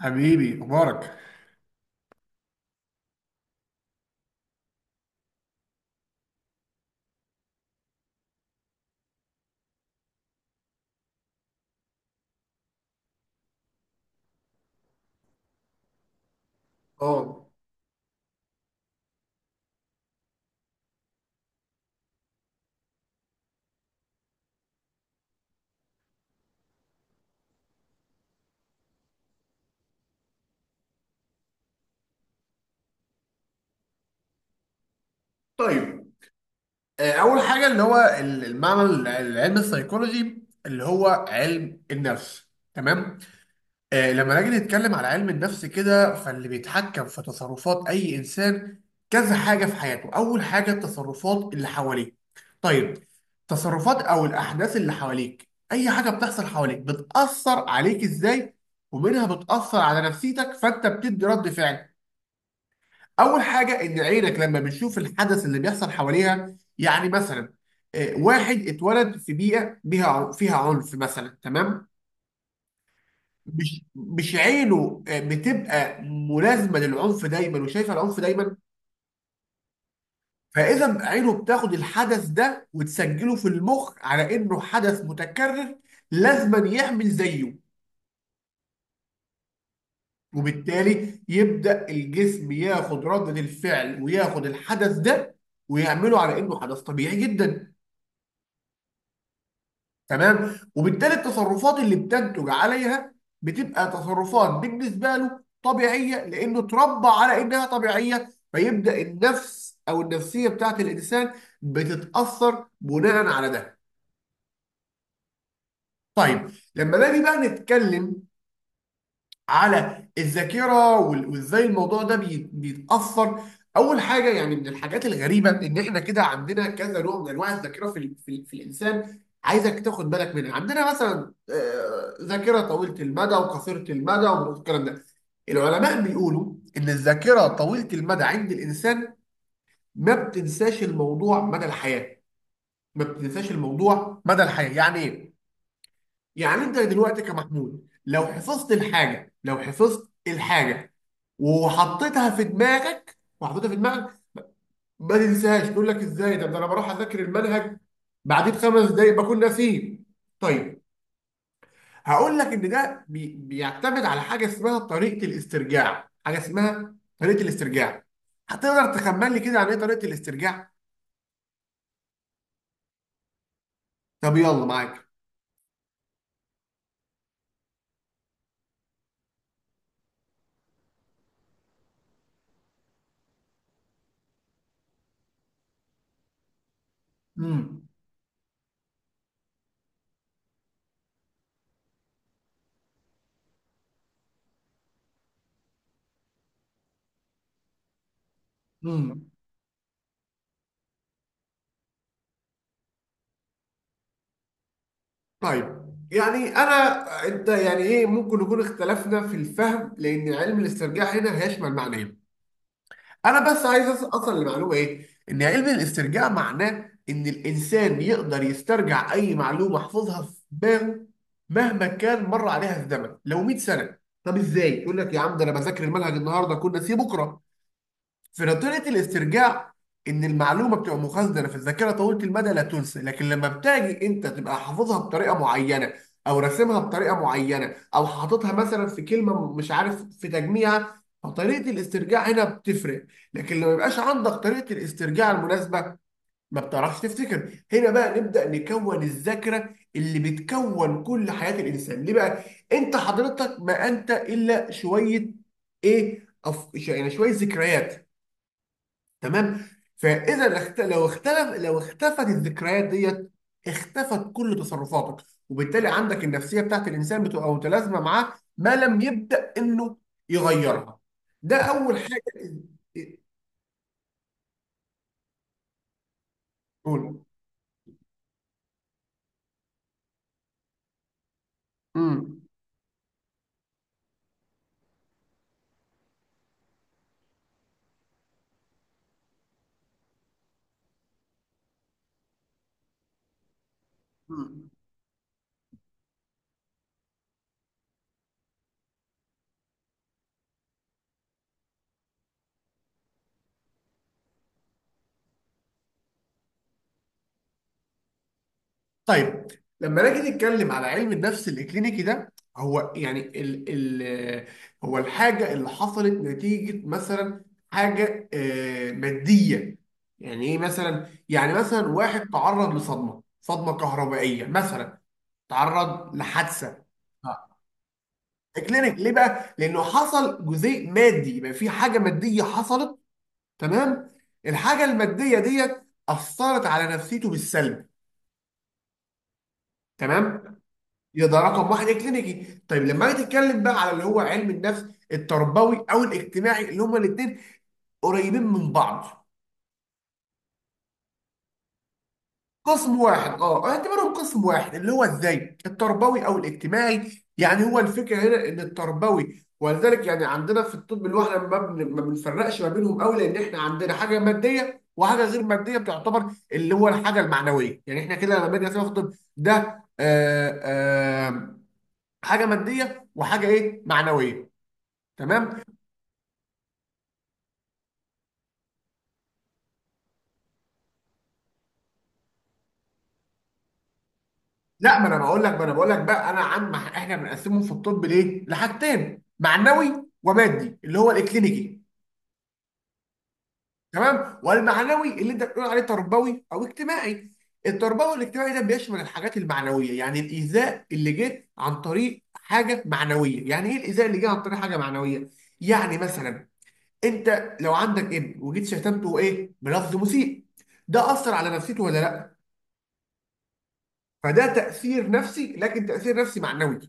حبيبي مبارك. اه، طيب. اول حاجه اللي هو المعنى العلم السيكولوجي اللي هو علم النفس. تمام. لما نيجي نتكلم على علم النفس كده، فاللي بيتحكم في تصرفات اي انسان كذا حاجه في حياته. اول حاجه التصرفات اللي حواليه. طيب، التصرفات او الاحداث اللي حواليك اي حاجه بتحصل حواليك بتاثر عليك ازاي، ومنها بتاثر على نفسيتك فانت بتدي رد فعل. اول حاجه ان عينك لما بتشوف الحدث اللي بيحصل حواليها، يعني مثلا واحد اتولد في بيئه بيها فيها عنف مثلا، تمام. مش عينه بتبقى ملازمه للعنف دايما، وشايفه العنف دايما. فاذا عينه بتاخد الحدث ده وتسجله في المخ على انه حدث متكرر لازما يعمل زيه، وبالتالي يبدا الجسم ياخد رده الفعل وياخد الحدث ده ويعمله على انه حدث طبيعي جدا. تمام، وبالتالي التصرفات اللي بتنتج عليها بتبقى تصرفات بالنسبه له طبيعيه لانه اتربى على انها طبيعيه، فيبدا النفس او النفسيه بتاعت الانسان بتتاثر بناء على ده. طيب، لما نيجي بقى نتكلم على الذاكره وازاي الموضوع ده بيتاثر. اول حاجه يعني من الحاجات الغريبه ان احنا كده عندنا كذا نوع من انواع الذاكره في في الانسان. عايزك تاخد بالك منها. عندنا مثلا ذاكره طويله المدى وقصيره المدى والكلام ده. العلماء بيقولوا ان الذاكره طويله المدى عند الانسان ما بتنساش الموضوع مدى الحياه. ما بتنساش الموضوع مدى الحياه يعني ايه؟ يعني انت دلوقتي كمحمود، لو حفظت الحاجه وحطيتها في دماغك ما تنساهاش. تقول لك ازاي ده انا بروح اذاكر المنهج بعدين خمس دقايق بكون ناسيه. طيب، هقول لك ان ده بيعتمد على حاجه اسمها طريقه الاسترجاع. هتقدر تخمن لي كده عن ايه طريقه الاسترجاع؟ طب يلا معاك. امم. طيب، يعني انت يعني ايه. ممكن نكون اختلفنا في الفهم، لان علم الاسترجاع هنا هيشمل معنيين. انا بس عايز اوصل لمعلومه ايه. ان علم الاسترجاع معناه ان الانسان يقدر يسترجع اي معلومه حفظها في دماغه مهما كان مر عليها الزمن، لو 100 سنه. طب ازاي يقول لك يا عم، ده انا بذاكر المنهج النهارده كنت ناسيه بكره؟ في نظرية الاسترجاع، إن المعلومة بتبقى مخزنة في الذاكرة طويلة المدى لا تنسى، لكن لما بتاجي أنت تبقى حافظها بطريقة معينة أو راسمها بطريقة معينة أو حاططها مثلا في كلمة مش عارف في تجميعها، فطريقة الاسترجاع هنا بتفرق، لكن لو ما يبقاش عندك طريقة الاسترجاع المناسبة، ما بتعرفش تفتكر. هنا بقى نبدأ نكون الذاكرة اللي بتكون كل حياة الإنسان. ليه بقى؟ أنت حضرتك ما أنت إلا شوية إيه؟ يعني شوية ذكريات. تمام. فاذا اخت... لو اختلف لو اختفت الذكريات ديت، اختفت كل تصرفاتك، وبالتالي عندك النفسيه بتاعت الانسان بتبقى متلازمه معاه ما لم يبدا انه يغيرها. ده اول حاجه. قول. امم. طيب، لما نيجي نتكلم على علم النفس الاكلينيكي، ده هو يعني ال ال هو الحاجه اللي حصلت نتيجه مثلا حاجه ماديه. يعني ايه مثلا؟ يعني مثلا واحد تعرض لصدمه، صدمه كهربائيه مثلا. تعرض لحادثه. آه. اكلينيك، ليه بقى؟ لانه حصل جزيء مادي، يبقى في حاجه ماديه حصلت. تمام، الحاجه الماديه ديت اثرت على نفسيته بالسلب. تمام، يبقى ده رقم واحد، الكلينيكي. طيب، لما اجي اتكلم بقى على اللي هو علم النفس التربوي او الاجتماعي، اللي هما الاثنين قريبين من بعض. قسم واحد، اه اعتبرهم قسم واحد، اللي هو ازاي التربوي او الاجتماعي. يعني هو الفكره هنا ان التربوي، ولذلك يعني عندنا في الطب اللي هو احنا ما بنفرقش ما بينهم قوي، لان احنا عندنا حاجه ماديه وحاجه غير ماديه بتعتبر اللي هو الحاجه المعنويه. يعني احنا كده لما نيجي ناخد ده، آه آه حاجه ماديه وحاجه ايه، معنويه. تمام. لا، ما انا بقول لك، بقى انا، عن ما احنا بنقسمهم في الطب ليه، لحاجتين: معنوي ومادي، اللي هو الكلينيكي. تمام، والمعنوي اللي انت بتقول عليه تربوي او اجتماعي. التربوي والاجتماعي ده بيشمل الحاجات المعنويه. يعني الايذاء اللي جه عن طريق حاجه معنويه يعني ايه؟ الايذاء اللي جه عن طريق حاجه معنويه، يعني مثلا انت لو عندك ابن وجيت شتمته ايه بلفظ مسيء، ده اثر على نفسيته ولا لا؟ فده تاثير نفسي، لكن تاثير نفسي معنوي.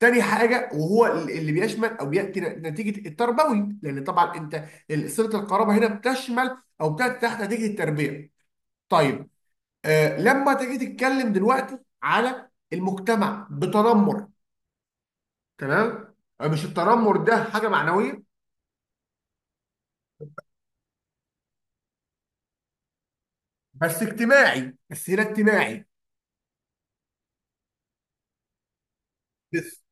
تاني حاجة، وهو اللي بيشمل أو بيأتي نتيجة التربوي، لأن طبعا أنت صلة القرابة هنا بتشمل أو بتأتي تحت نتيجة التربية. طيب، لما تيجي تتكلم دلوقتي على المجتمع بتنمر، تمام؟ مش التنمر ده حاجة معنوية؟ بس اجتماعي، بس هنا اجتماعي. بس،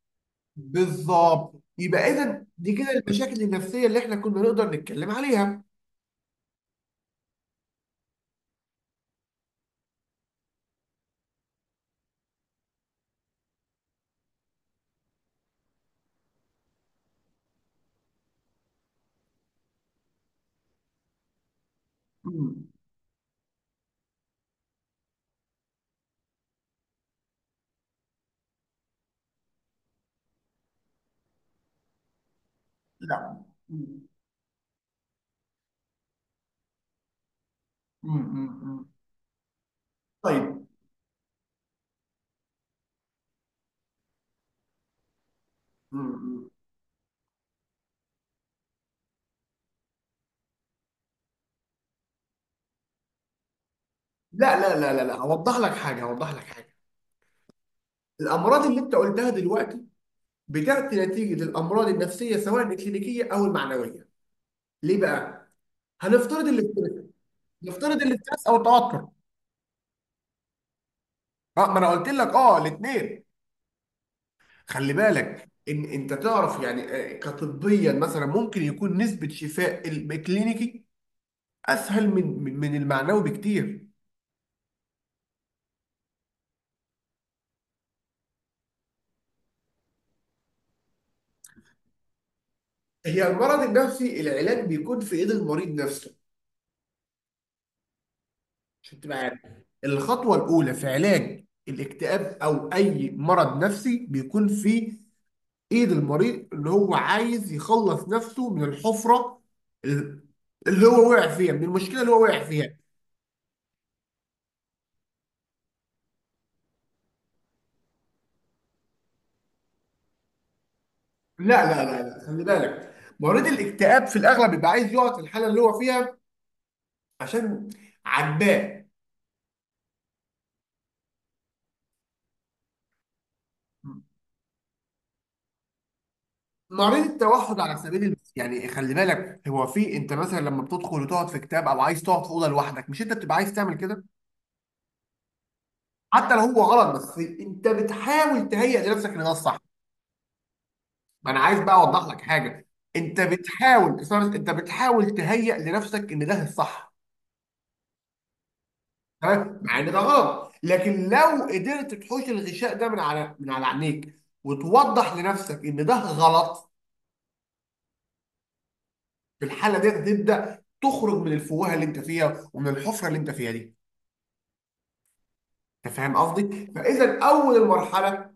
بالظبط. يبقى إذا دي كده المشاكل النفسية اللي احنا كنا نقدر نتكلم عليها. مم. لا. مم. مم. مم. طيب. مم. لا، لا، لا، لا، لا، هوضح لك حاجه. الامراض اللي انت قلتها دلوقتي بتاتي نتيجه الامراض النفسيه سواء الكلينيكيه او المعنويه. ليه بقى؟ هنفترض الاسترس نفترض الاسترس او التوتر. اه، ما انا قلت لك، اه الاثنين. خلي بالك ان انت تعرف، يعني كطبيا مثلا، ممكن يكون نسبه شفاء الكلينيكي اسهل من المعنوي بكتير. هي المرض النفسي العلاج بيكون في ايد المريض نفسه. شفت معاك؟ الخطوة الأولى في علاج الاكتئاب أو أي مرض نفسي بيكون في إيد المريض، اللي هو عايز يخلص نفسه من الحفرة، ال- اللي هو وقع فيها، من المشكلة اللي هو وقع فيها. لا لا لا لا، خلي بالك، مريض الاكتئاب في الأغلب بيبقى عايز يقعد في الحالة اللي هو فيها عشان عجباه. مريض التوحد على سبيل المثال، يعني خلي بالك، هو في انت مثلا لما بتدخل وتقعد في كتاب او عايز تقعد في اوضه لوحدك، مش انت بتبقى عايز تعمل كده حتى لو هو غلط؟ بس انت بتحاول تهيئ لنفسك ان ده الصح. ما انا عايز بقى اوضح لك حاجه. انت بتحاول، اسمع بس، انت بتحاول تهيئ لنفسك ان ده الصح. تمام. مع ان ده غلط، لكن لو قدرت تحوش الغشاء ده من على عينيك وتوضح لنفسك ان ده غلط، في الحاله دي تبدا تخرج من الفوهه اللي انت فيها، ومن الحفره اللي انت فيها دي. انت فاهم قصدي؟ فاذا اول المرحله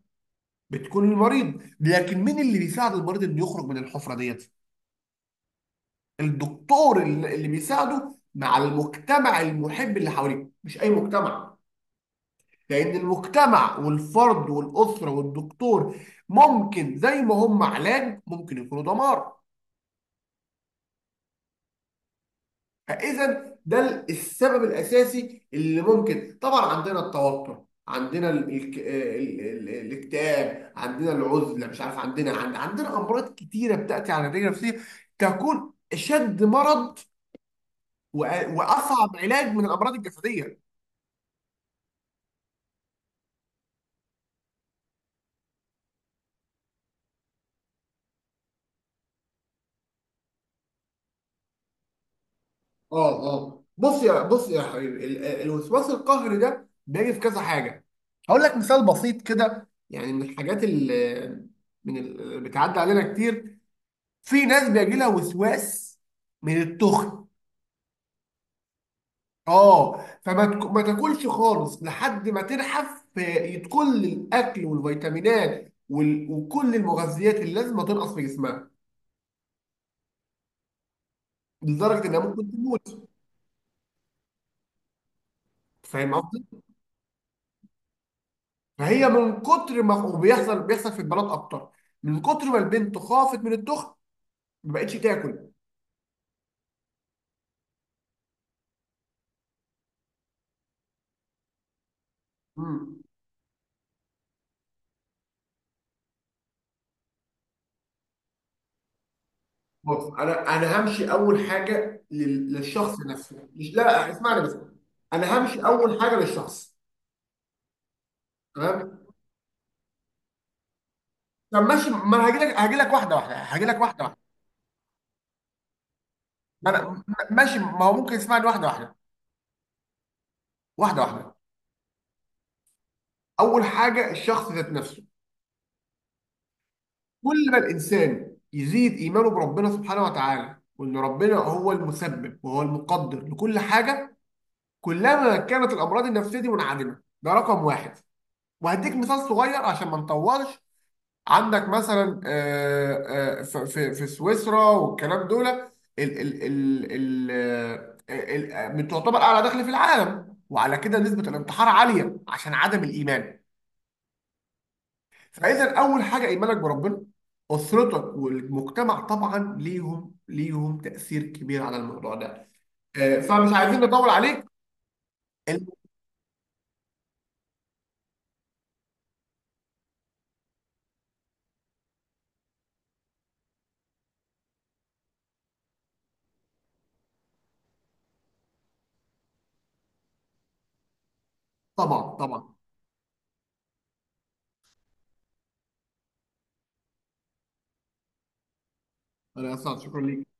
بتكون المريض، لكن مين اللي بيساعد المريض انه يخرج من الحفره ديت؟ الدكتور اللي بيساعده، مع المجتمع المحب اللي حواليه، مش اي مجتمع، لان المجتمع والفرد والاسره والدكتور ممكن زي ما هم علاج ممكن يكونوا دمار. فاذا ده السبب الاساسي اللي ممكن. طبعا عندنا التوتر، عندنا ال ال ال ال الاكتئاب، عندنا العزله، مش عارف، عندنا عندنا امراض كتيره بتاتي على الرجل النفسيه تكون اشد مرض وأ- واصعب علاج من الامراض الجسديه. اه. اه بص، يا حبيبي، الوسواس القهري ده بيجي في كذا حاجه. هقول لك مثال بسيط كده، يعني من الحاجات اللي اللي بتعدي علينا كتير. في ناس بيجي لها وسواس من التخن. اه، ما تاكلش خالص لحد ما تنحف، في كل الاكل والفيتامينات وكل المغذيات اللي لازم تنقص في جسمها لدرجه انها ممكن تموت. فاهم؟ فهي من كتر ما، وبيحصل في البنات اكتر، من كتر ما البنت خافت من الدخن ما بقتش تاكل. مم. بص، انا همشي اول حاجه للشخص نفسه، مش... لا لا، اسمعني بس، انا همشي اول حاجه للشخص. تمام. طب ماشي، ما انا هاجي لك واحده واحده، ما انا ماشي. ما هو ممكن يسمعني واحده واحده واحده واحده اول حاجه الشخص ذات نفسه. كل ما الانسان يزيد ايمانه بربنا سبحانه وتعالى، وان ربنا هو المسبب وهو المقدر لكل حاجه، كلما كانت الامراض النفسيه دي منعدمه. ده رقم واحد. وهديك مثال صغير عشان ما نطولش. عندك مثلا في سويسرا والكلام دول، ال ال ال آه، من تعتبر اعلى دخل في العالم، وعلى كده نسبه الانتحار عاليه عشان عدم الايمان. فاذا اول حاجه ايمانك بربنا. اسرتك والمجتمع طبعا ليهم تاثير كبير على الموضوع ده. فمش عايزين نطول عليك. طبعا طبعا. انا اسف. شكرا ليك.